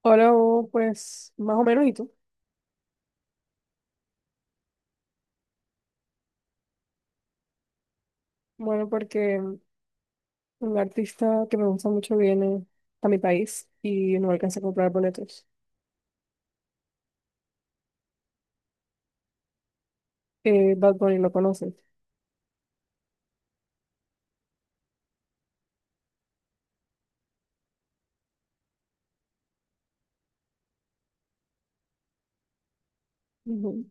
Hola, Hugo, pues más o menos, ¿y tú? Bueno, porque un artista que me gusta mucho viene a mi país y no alcanza a comprar boletos. Bad Bunny, ¿lo conoces? Ujú.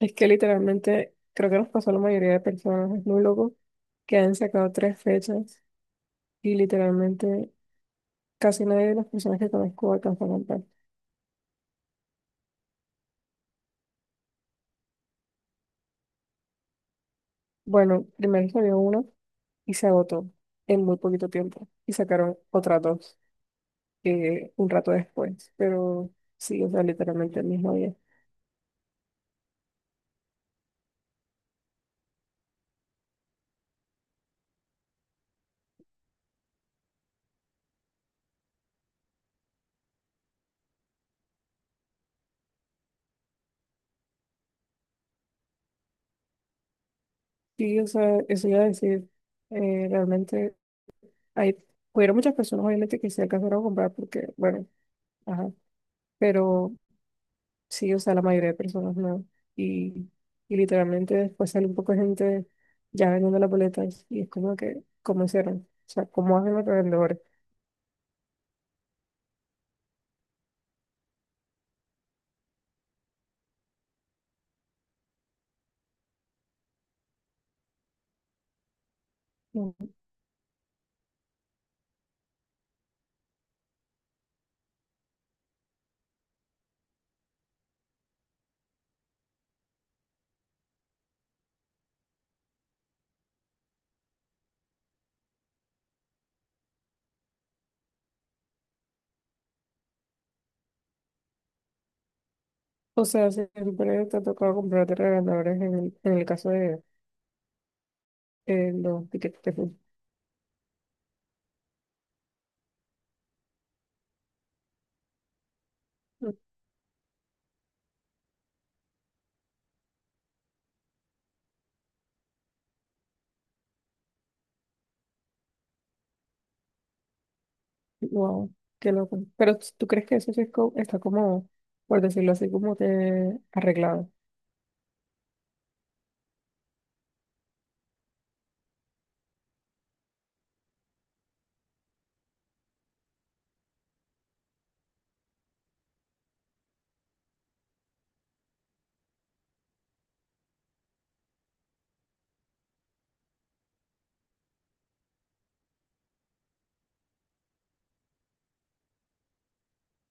Es que literalmente creo que nos pasó a la mayoría de personas, es muy loco, que han sacado tres fechas y literalmente casi nadie de las personas que conozco alcanzó a comprar. Bueno, primero salió una y se agotó en muy poquito tiempo y sacaron otras dos. Un rato después, pero sí, o sea, literalmente el mismo día. Sí, o sea, eso iba a decir. Realmente hay, hubieron muchas personas obviamente que se alcanzaron a comprar porque, bueno, ajá, pero sí, o sea, la mayoría de personas no. Y, y literalmente después sale un poco de gente ya vendiendo las boletas y es como que, ¿cómo hicieron? O sea, ¿cómo hacen los revendedores? No. O sea, siempre te ha tocado comprar de revendedores en el caso de los tickets de fútbol. Wow, qué loco. Pero tú crees que eso sí está como, por decirlo así, como que arreglado.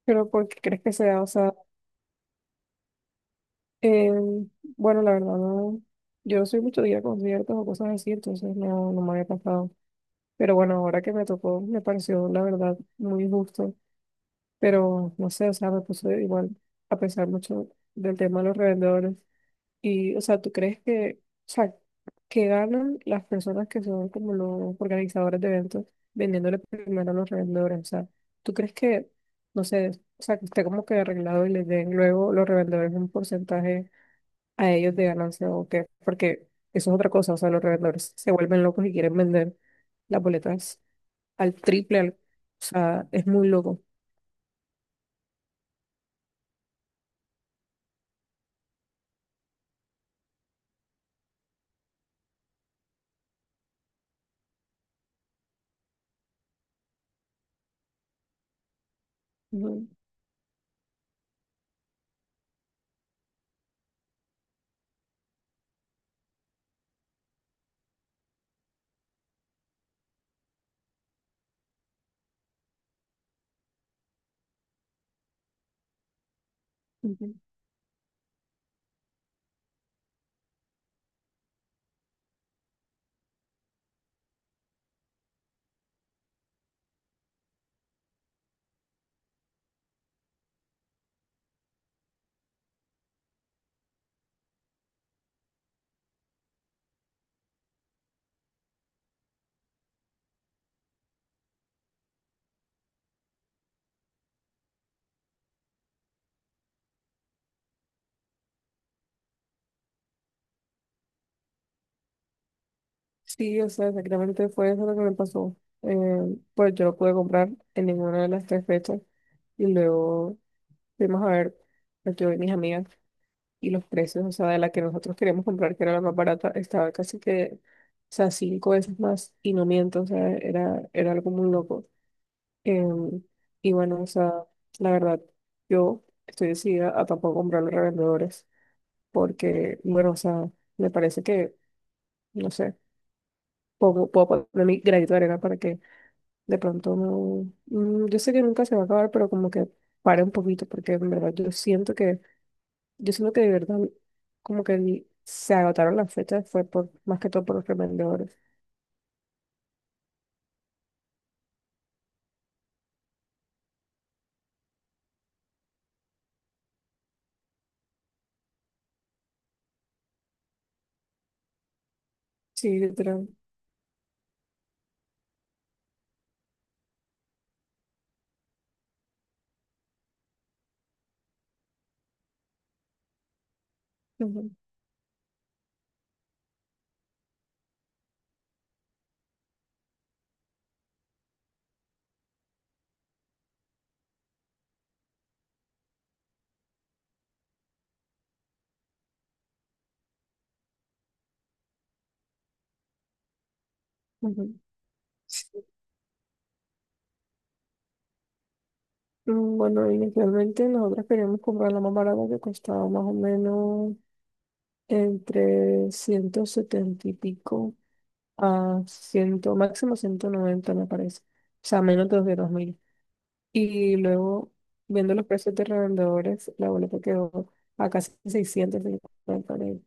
Pero ¿por qué crees que sea? O sea, eh, bueno, la verdad, no. Yo no soy mucho de ir a conciertos o cosas así, entonces no, no me había pasado. Pero bueno, ahora que me tocó, me pareció, la verdad, muy injusto. Pero no sé, o sea, me puse igual a pensar mucho del tema de los revendedores. Y, o sea, ¿tú crees que, o sea, que ganan las personas que son como los organizadores de eventos vendiéndole primero a los revendedores? O sea, ¿tú crees que, no sé, o sea, que esté como que arreglado y les den luego los revendedores un porcentaje a ellos de ganancia o qué? Porque eso es otra cosa, o sea, los revendedores se vuelven locos y quieren vender las boletas al triple, o sea, es muy loco. Ujú. Ujú. Sí, o sea, exactamente fue eso lo que me pasó. Eh, pues yo no pude comprar en ninguna de las tres fechas y luego fuimos a ver, pues, yo y mis amigas y los precios, o sea, de la que nosotros queríamos comprar, que era la más barata, estaba casi que, o sea, cinco veces más y no miento, o sea, era algo muy loco. Em, y bueno, o sea, la verdad, yo estoy decidida a tampoco comprar los revendedores porque, bueno, o sea, me parece que, no sé, puedo poner mi granito de arena para que de pronto no, yo sé que nunca se va a acabar, pero como que pare un poquito, porque en verdad yo siento que de verdad como que se agotaron las fechas, fue por, más que todo por los revendedores. Sí, literal. Ujú, ujú. Sí. Bueno, inicialmente nosotros queríamos comprar la más barata que costaba más o menos entre 170 y pico a 100, máximo 190 me parece. O sea, menos de los de 2.000. Y luego, viendo los precios de revendedores, la boleta quedó a casi 650 mil.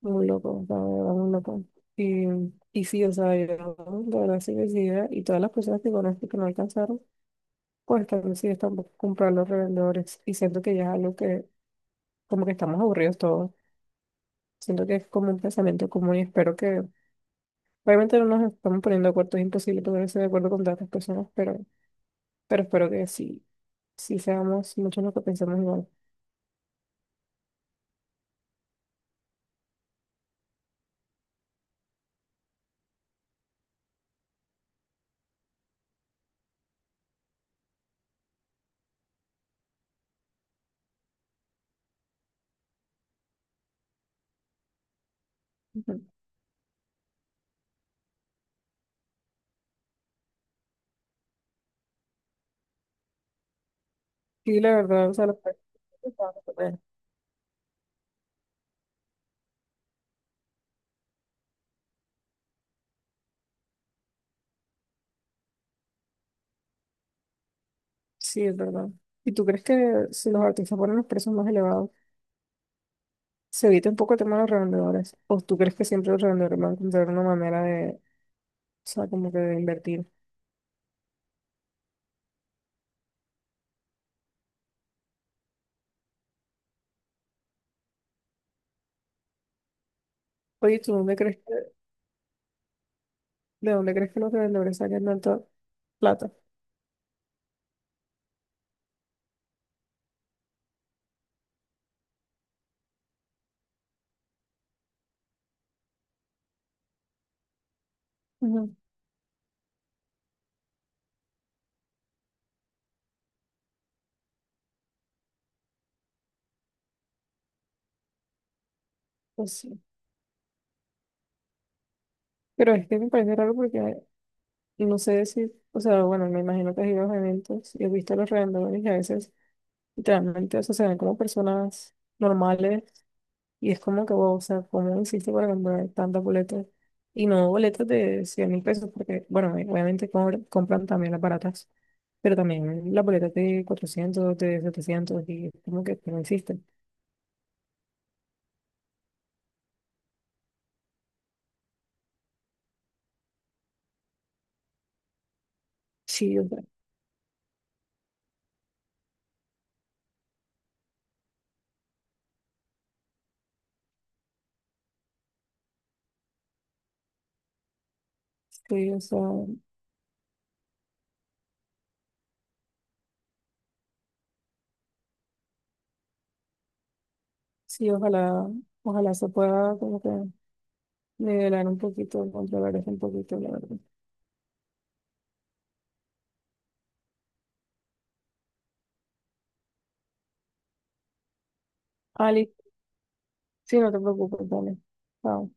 Muy loco, o sea, de verdad, muy loco. Y, y sí, o sea, yo de verdad sí decidida y todas las personas que conozco que no alcanzaron, pues también sí están por comprar los revendedores. Y siento que ya es algo que, como que estamos aburridos todos. Siento que es como un pensamiento común y espero que, obviamente no nos estamos poniendo de acuerdo, es imposible ponerse de acuerdo con tantas personas, pero espero que sí, sí seamos muchos los que pensamos igual. Sí, la verdad, o sea, los precios están bastante bien. Sí, es verdad. ¿Y tú crees que si los artistas ponen los precios más elevados, se evita un poco el tema de los revendedores? ¿O tú crees que siempre los revendedores van a encontrar una manera de, o sea, como que de invertir? Oye, ¿tú dónde crees que, de dónde crees que los revendedores sacan tanta plata? Ujú, pues sí. Pero es que me parece raro porque no sé si, o sea, bueno, me imagino que has ido a los eventos y has visto a los revendedores y a veces literalmente, o sea, se ven como personas normales. Y es como que, wow, o sea, ¿cómo hiciste para comprar tantas boletas? Y no boletas de 100.000 pesos, porque, bueno, obviamente compran también las baratas, pero también las boletas de 400 de 700 y es como que no existen. Sí, o sea, sí, o sea, sí, ojalá, ojalá se pueda como que nivelar un poquito, controlar eso un poquito, la verdad. Ali, sí, no te preocupes, dale. Chao.